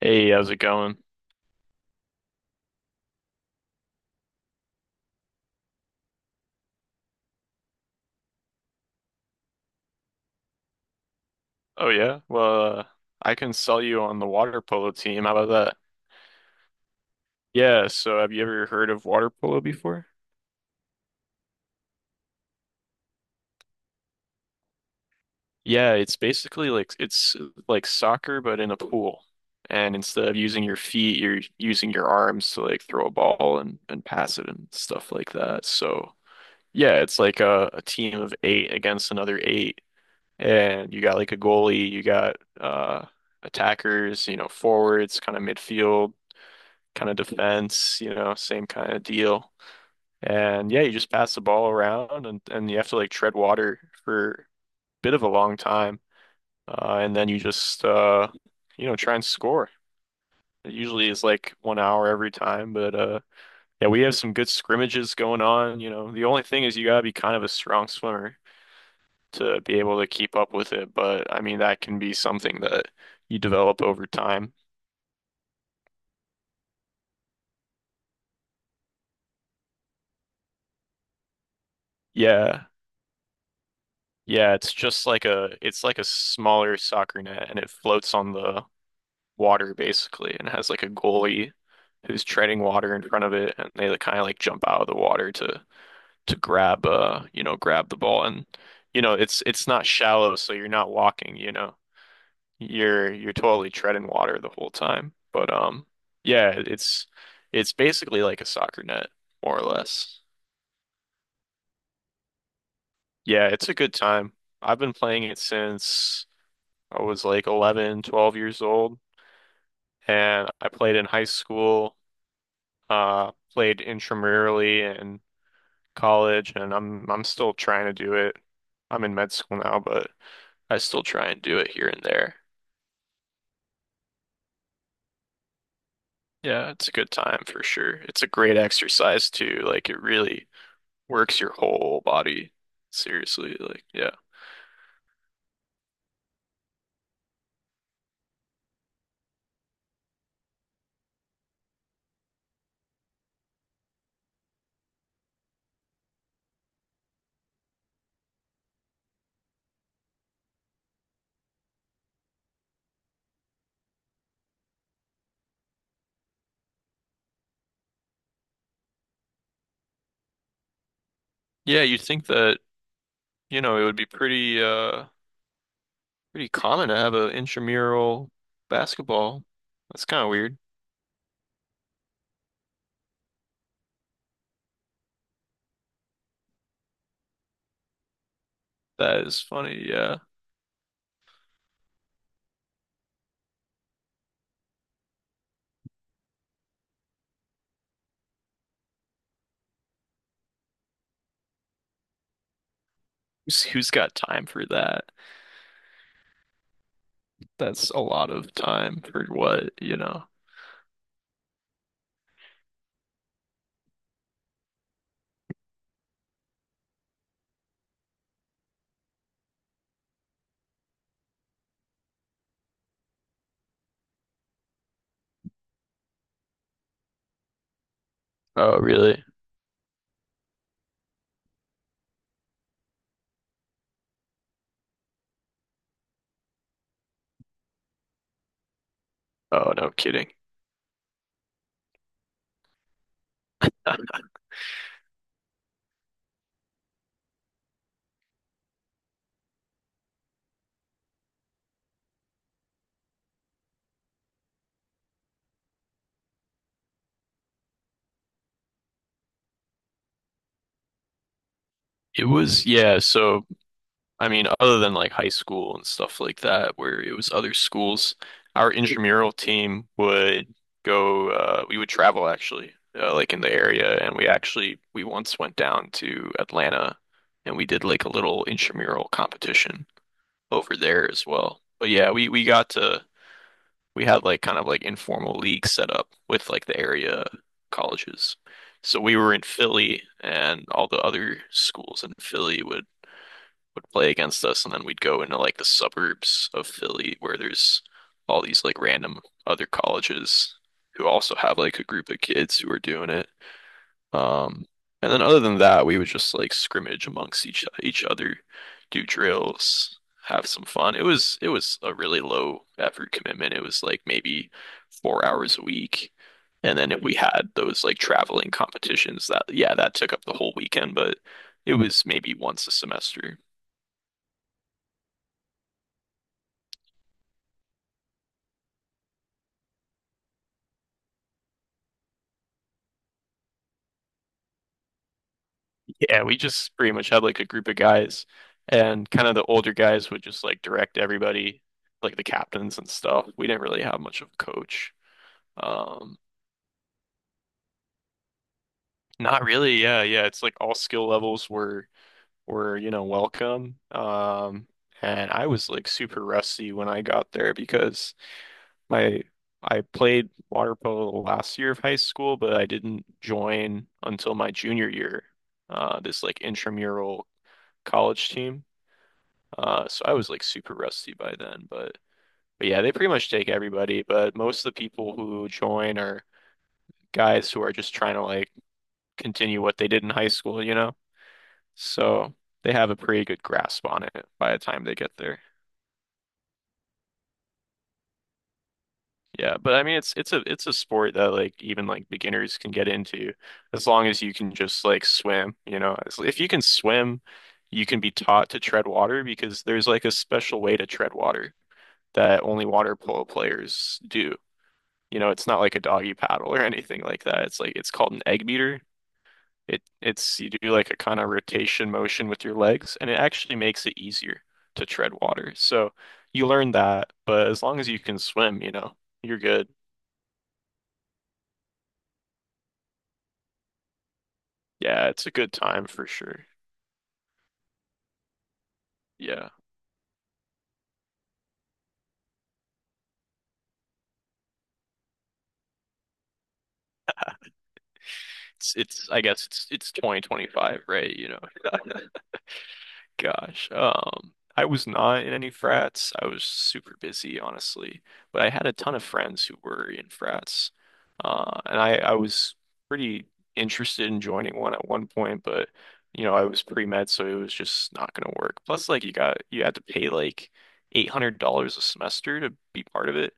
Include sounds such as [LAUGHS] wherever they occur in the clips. Hey, how's it going? Oh yeah, well, I can sell you on the water polo team. How about that? Yeah, so have you ever heard of water polo before? Yeah, it's like soccer but in a pool. And instead of using your feet, you're using your arms to like throw a ball and pass it and stuff like that. So, yeah, it's like a team of eight against another eight. And you got like a goalie, you got attackers, you know, forwards, kind of midfield kind of defense, you know, same kind of deal. And yeah, you just pass the ball around and you have to like tread water for a bit of a long time. And then you just, you know, try and score. It usually is like 1 hour every time, but yeah, we have some good scrimmages going on. You know, the only thing is you gotta be kind of a strong swimmer to be able to keep up with it. But I mean, that can be something that you develop over time. Yeah. Yeah, it's just like a smaller soccer net, and it floats on the water basically and has like a goalie who's treading water in front of it, and they kind of like jump out of the water to grab you know, grab the ball. And you know, it's not shallow, so you're not walking, you know, you're totally treading water the whole time. But yeah, it's basically like a soccer net, more or less. Yeah, it's a good time. I've been playing it since I was like 11, 12 years old, and I played in high school, played intramurally in college, and I'm still trying to do it. I'm in med school now, but I still try and do it here and there. Yeah, it's a good time for sure. It's a great exercise too. Like it really works your whole body. Seriously, like yeah. Yeah, you'd think that, you know, it would be pretty pretty common to have an intramural basketball. That's kind of weird. That is funny, yeah. Who's got time for that? That's a lot of time for what, you know? Oh, really? Oh, no kidding. It was, yeah, so I mean, other than like high school and stuff like that, where it was other schools, our intramural team would go, we would travel actually, like in the area, and we actually, we once went down to Atlanta and we did like a little intramural competition over there as well. But yeah, we got to we had like kind of like informal leagues set up with like the area colleges. So we were in Philly, and all the other schools in Philly would play against us, and then we'd go into like the suburbs of Philly where there's all these like random other colleges who also have like a group of kids who are doing it. Um, and then other than that, we would just like scrimmage amongst each other, do drills, have some fun. It was a really low effort commitment. It was like maybe 4 hours a week. And then we had those like traveling competitions that yeah, that took up the whole weekend, but it was maybe once a semester. Yeah, we just pretty much had like a group of guys, and kind of the older guys would just like direct everybody, like the captains and stuff. We didn't really have much of a coach. Um Not really. Yeah, yeah. It's like all skill levels were, you know, welcome. And I was like super rusty when I got there because my I played water polo the last year of high school, but I didn't join until my junior year. This like intramural college team. So I was like super rusty by then, but yeah, they pretty much take everybody, but most of the people who join are guys who are just trying to like continue what they did in high school, you know? So they have a pretty good grasp on it by the time they get there. Yeah, but I mean it's a sport that like even like beginners can get into as long as you can just like swim, you know. As- If you can swim, you can be taught to tread water because there's like a special way to tread water that only water polo players do. You know, it's not like a doggy paddle or [LAUGHS] anything like that. It's like it's called an egg beater. It's you do like a kind of rotation motion with your legs, and it actually makes it easier to tread water. So you learn that, but as long as you can swim, you know, you're good. Yeah, it's a good time for sure. Yeah. It's I guess it's 2025, right? You know, gosh. I was not in any frats. I was super busy, honestly. But I had a ton of friends who were in frats. I was pretty interested in joining one at one point, but you know, I was pre-med, so it was just not gonna work. Plus, like you had to pay like $800 a semester to be part of it,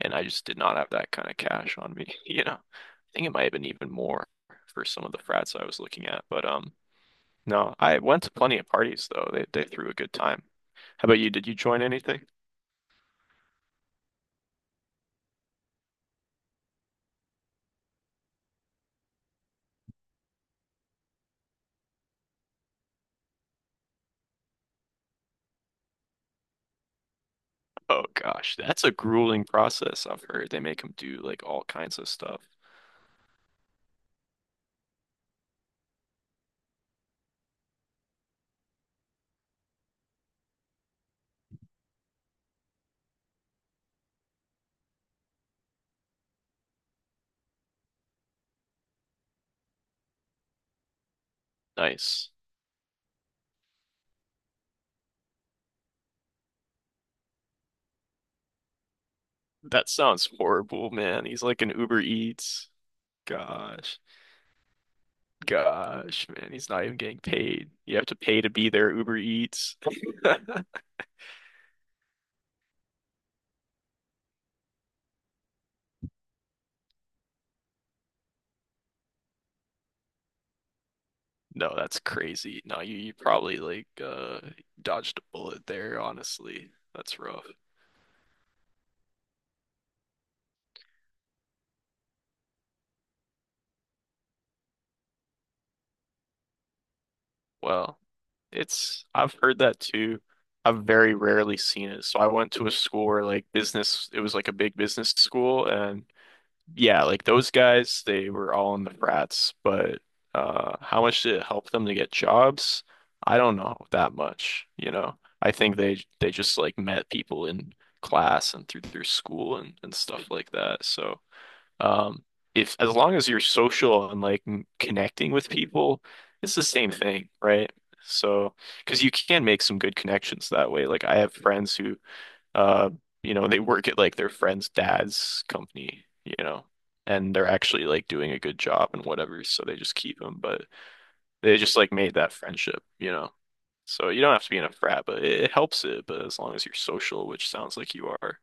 and I just did not have that kind of cash on me, [LAUGHS] you know. I think it might have been even more for some of the frats I was looking at, but no, I went to plenty of parties though. They threw a good time. How about you? Did you join anything? Oh gosh, that's a grueling process. I've heard they make him do like all kinds of stuff. Nice. That sounds horrible, man. He's like an Uber Eats. Gosh. Gosh, man. He's not even getting paid. You have to pay to be there, Uber Eats. [LAUGHS] No, that's crazy. No, you probably like dodged a bullet there, honestly. That's rough. Well, it's I've heard that too. I've very rarely seen it. So I went to a school where like business, it was like a big business school, and yeah, like those guys, they were all in the frats. But how much did it help them to get jobs? I don't know that much. You know, I think they just like met people in class and through their school and stuff like that. So. Um, if as long as you're social and like m- connecting with people, it's the same thing, right? So, because you can make some good connections that way. Like I have friends who, uh, you know, they work at like their friend's dad's company, you know, and they're actually like doing a good job and whatever, so they just keep them. But they just like made that friendship, you know. So you don't have to be in a frat, but it helps it. But as long as you're social, which sounds like you are,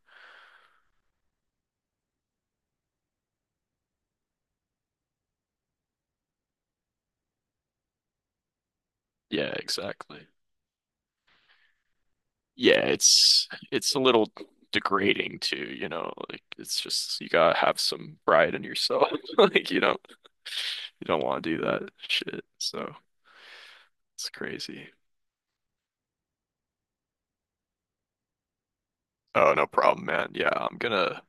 yeah, exactly. Yeah, it's a little degrading too, you know, like it's just you gotta have some pride in yourself. [LAUGHS] Like you don't want to do that shit. So it's crazy. Oh, no problem, man. Yeah,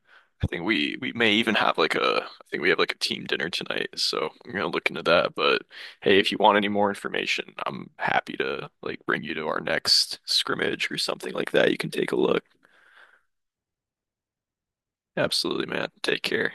I think we may even have like a I think we have like a team dinner tonight, so I'm gonna look into that. But hey, if you want any more information, I'm happy to like bring you to our next scrimmage or something like that. You can take a look. Absolutely, man. Take care.